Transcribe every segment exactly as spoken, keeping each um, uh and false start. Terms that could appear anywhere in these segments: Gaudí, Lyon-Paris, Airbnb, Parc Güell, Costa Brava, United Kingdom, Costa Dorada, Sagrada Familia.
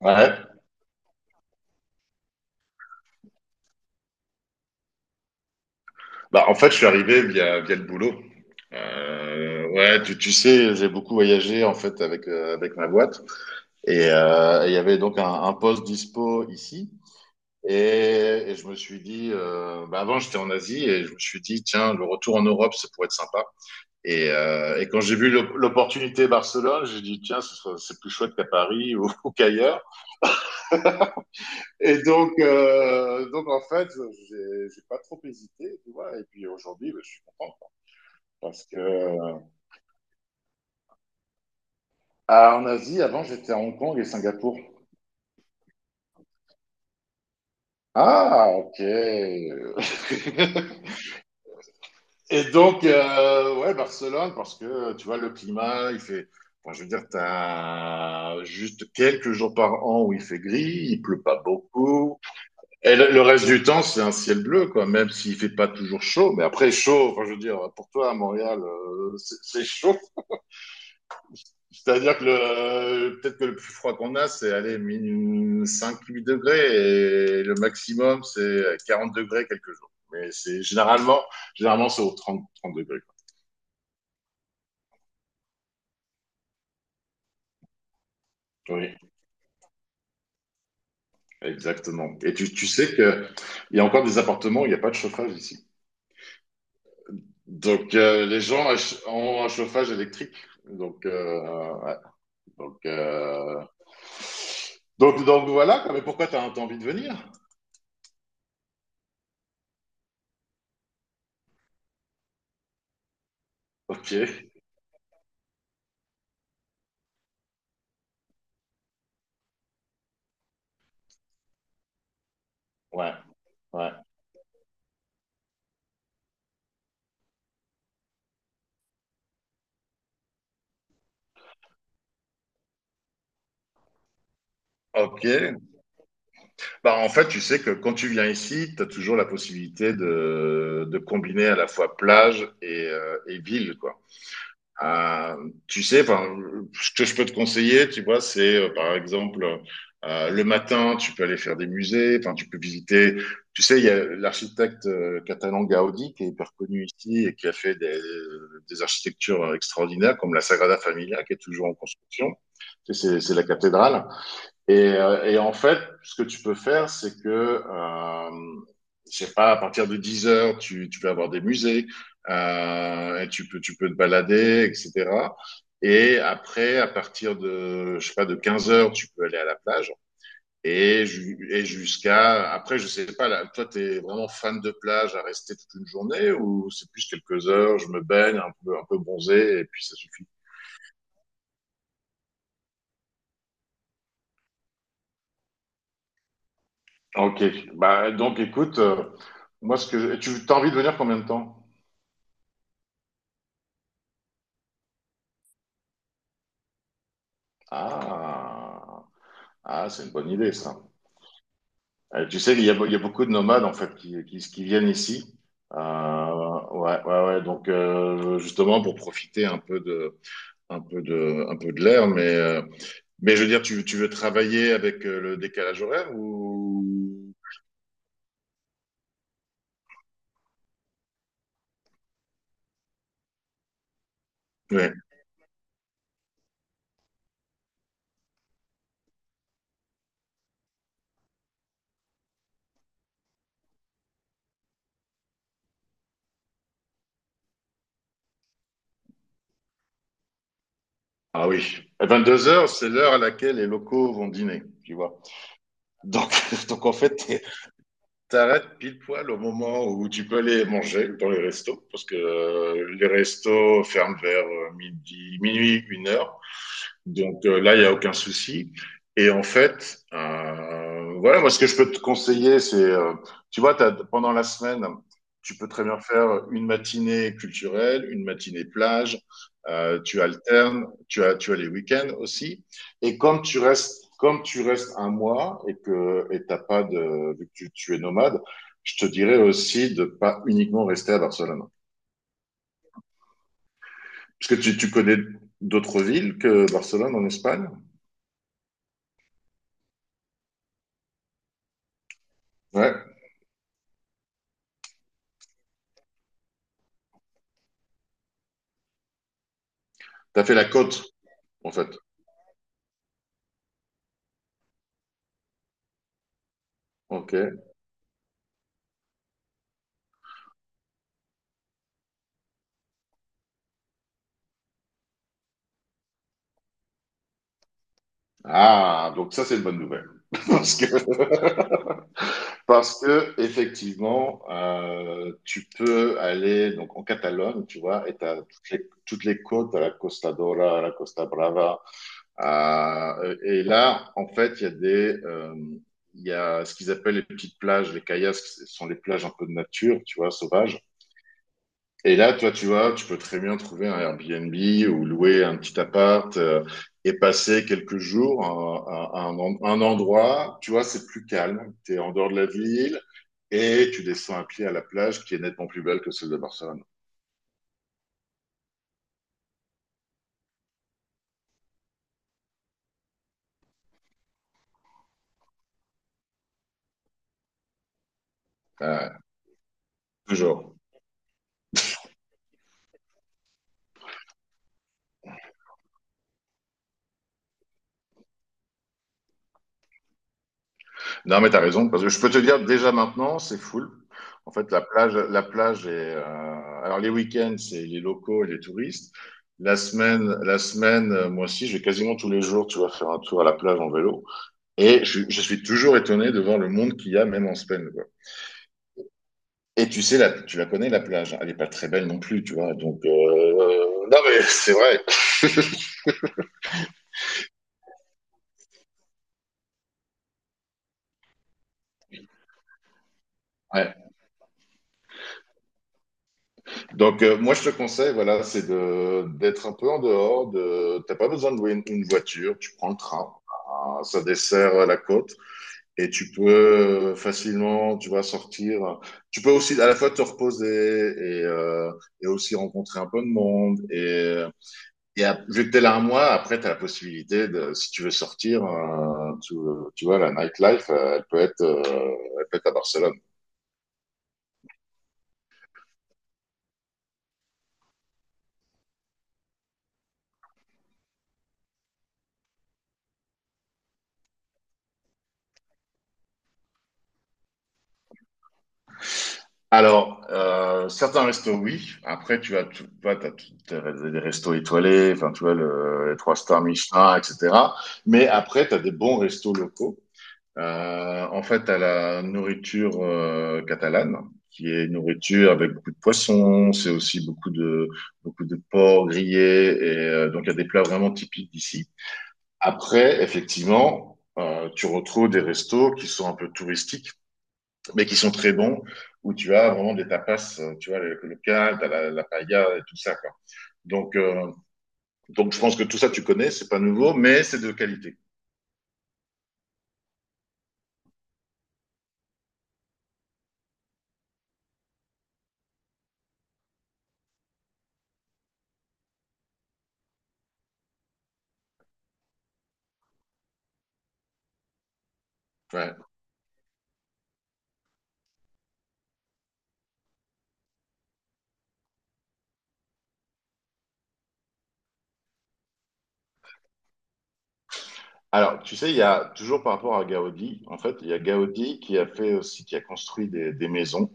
Ouais. Bah, en fait, je suis arrivé via, via le boulot. Euh, ouais, tu, tu sais, j'ai beaucoup voyagé en fait avec, euh, avec ma boîte. Et euh, il y avait donc un, un poste dispo ici. Et, et je me suis dit, euh, bah avant j'étais en Asie et je me suis dit, tiens, le retour en Europe, ça pourrait être sympa. Et, euh, et quand j'ai vu l'op- l'opportunité Barcelone, j'ai dit, tiens, ce sera- c'est plus chouette qu'à Paris ou, ou qu'ailleurs. Et donc, euh, donc en fait, j'ai j'ai pas trop hésité, tu vois. Et puis aujourd'hui, bah, je suis content. Parce que, euh, ah, en Asie, avant, j'étais à Hong Kong et Singapour. Ah, ok. Et donc, euh, ouais, Barcelone, parce que, tu vois, le climat, il fait, enfin, je veux dire, t'as juste quelques jours par an où il fait gris, il pleut pas beaucoup. Et le, le reste du temps, c'est un ciel bleu, quoi, même s'il fait pas toujours chaud. Mais après, chaud, enfin, je veux dire, pour toi, à Montréal, euh, c'est c'est chaud. C'est-à-dire que le, peut-être que le plus froid qu'on a, c'est aller cinq huit degrés et le maximum, c'est quarante degrés quelques jours. Mais c'est généralement, généralement, c'est aux trente trente degrés. Quoi. Oui, exactement. Et tu, tu sais que il y a encore des appartements où il n'y a pas de chauffage ici. Donc, euh, les gens ach- ont un chauffage électrique. Donc, euh, donc, euh, donc, donc voilà. quoi. Mais pourquoi tu as envie de venir? Ok. Ouais, ouais. Ok, bah, en fait, tu sais que quand tu viens ici, tu as toujours la possibilité de, de combiner à la fois plage et, euh, et ville, quoi. Euh, tu sais, enfin, Ce que je peux te conseiller, tu vois, c'est euh, par exemple euh, le matin, tu peux aller faire des musées, enfin, tu peux visiter. Tu sais, il y a l'architecte euh, catalan Gaudi qui est hyper connu ici et qui a fait des, des architectures extraordinaires comme la Sagrada Familia qui est toujours en construction. Tu sais, C'est c'est la cathédrale. Et, euh, et en fait, ce que tu peux faire, c'est que, euh, je sais pas, à partir de dix heures, tu, tu peux avoir des musées, euh, et tu peux, tu peux te balader, et cetera. Et après, à partir de, je sais pas, de quinze heures, tu peux aller à la plage. Et, ju- et jusqu'à, après, je sais pas, là, toi, t'es vraiment fan de plage à rester toute une journée ou c'est plus quelques heures, je me baigne un peu, un peu bronzé et puis ça suffit. Ok. Bah, donc, écoute, euh, moi, ce que, je- tu, t'as envie de venir combien de temps? Ah, ah c'est une bonne idée, ça. Euh, tu sais, il y a, il y a beaucoup de nomades, en fait, qui, qui, qui viennent ici. Euh, ouais, ouais, ouais. Donc, euh, justement, pour profiter un peu de, un peu de, un peu de l'air. Mais, euh, mais je veux dire, tu, tu veux travailler avec euh, le décalage horaire ou... Ouais. Ah oui. À vingt-deux heures, c'est l'heure à laquelle les locaux vont dîner, tu vois. Donc, donc en fait, t'arrêtes pile poil au moment où tu peux aller manger dans les restos, parce que euh, les restos ferment vers euh, midi, minuit, une heure. Donc euh, là, il n'y a aucun souci. Et en fait, euh, voilà, moi, ce que je peux te conseiller, c'est, euh, tu vois, t'as- pendant la semaine, tu peux très bien faire une matinée culturelle, une matinée plage, euh, tu alternes, tu as, tu as les week-ends aussi. Et comme tu restes, comme tu restes un mois et que et t'as pas de, vu que tu, tu es nomade, je te dirais aussi de pas uniquement rester à Barcelone. Parce que tu, tu connais d'autres villes que Barcelone en Espagne? Ouais. T'as fait la côte. En fait, ok. Ah, donc ça, c'est une bonne nouvelle. Parce que, parce que effectivement, euh, tu peux aller donc en Catalogne, tu vois, et tu as toutes les, toutes les côtes, à la Costa Dora, à la Costa Brava. Euh, et là, en fait, il y a des, euh, il y a ce qu'ils appellent les petites plages, les kayaks, ce sont les plages un peu de nature, tu vois, sauvages. Et là, toi, tu vois, tu peux très bien trouver un Airbnb ou louer un petit appart euh, et passer quelques jours à, à- à un, en- un endroit, tu vois, c'est plus calme, tu es en dehors de la ville et tu descends à pied à la plage qui est nettement plus belle que celle de Barcelone. Ouais, toujours. Non, mais t'as raison, parce que je peux te dire déjà maintenant, c'est full. En fait, la plage, la plage est... euh, Alors, les week-ends, c'est les locaux et les touristes. La semaine, la semaine, euh, moi aussi, je vais quasiment tous les jours, tu vas faire un tour à la plage en vélo. Et je, je suis toujours étonné de voir le monde qu'il y a, même en semaine, quoi. Et tu sais, la, tu la connais, la plage. Hein. Elle est pas très belle non plus, tu vois. Donc, euh, euh, non, mais c'est vrai. Ouais. Donc, euh, moi, je te conseille, voilà, c'est de, d'être un peu en dehors. De, t'as pas besoin de louer une, une voiture. Tu prends le train. Ah, ça dessert la côte. Et tu peux euh, facilement, tu vas sortir. Tu peux aussi à la fois te reposer et, euh, et aussi rencontrer un peu de monde. Et, euh, Et à- vu que t'es là un mois, après, t'as la possibilité de, si tu veux sortir, euh, tu, tu vois, la nightlife, euh, elle peut être, euh, elle peut être à Barcelone. Alors, euh, certains restos, oui. Après, tu as, tu vois, t'as tout- t'as des restos étoilés, enfin, tu vois, le, les trois stars Michelin, et cetera. Mais après, t'as des bons restos locaux. Euh, en fait, à la nourriture euh, catalane, qui est une nourriture avec beaucoup de poissons, c'est aussi beaucoup de beaucoup de porc grillé, et euh, donc il y a des plats vraiment typiques d'ici. Après, effectivement, euh, tu retrouves des restos qui sont un peu touristiques, mais qui sont très bons, où tu as vraiment des tapas, euh, tu vois, le, le local, t'as la, la paella et tout ça, quoi. Donc, euh, donc je pense que tout ça, tu connais, c'est pas nouveau, mais c'est de qualité. Ouais. Alors, tu sais, il y a toujours par rapport à Gaudi, en fait, il y a Gaudi qui a fait aussi, qui a construit des, des maisons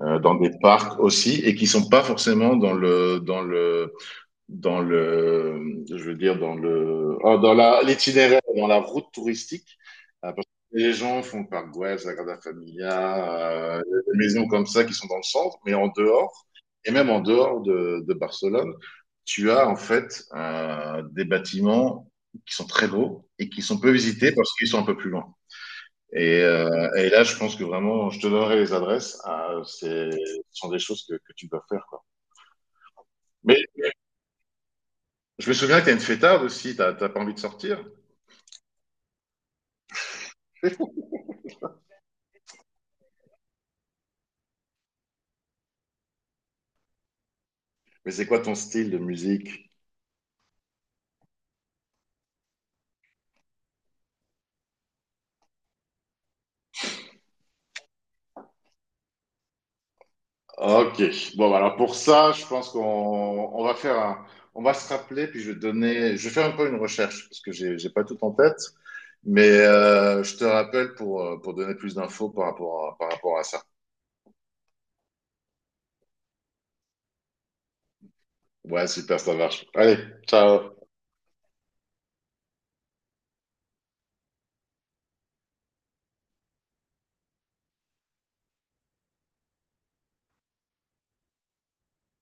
euh, dans des parcs aussi, et qui sont pas forcément dans le dans le dans le, je veux dire, dans le, ah, dans la, l'itinéraire, dans la route touristique. Euh, parce que les gens font le parc Güell, Sagrada Familia, euh, des maisons comme ça qui sont dans le centre, mais en dehors, et même en dehors de, de Barcelone, tu as en fait euh, des bâtiments qui sont très beaux et qui sont peu visités parce qu'ils sont un peu plus loin. Et, euh, et là, je pense que vraiment, je te donnerai les adresses. Ah, c'est, ce sont des choses que, que tu dois faire, quoi. Mais je me souviens que t'es une fêtarde aussi, t'as t'as pas envie de sortir. Mais c'est quoi ton style de musique? Ok. Bon, bah alors pour ça, je pense qu'on on va faire un, on va se rappeler, puis je vais te donner, je vais faire un peu une recherche parce que j'ai j'ai pas tout en tête, mais euh, je te rappelle pour euh, pour donner plus d'infos par rapport à, par rapport à ça. Ouais, super, ça marche. Allez, ciao.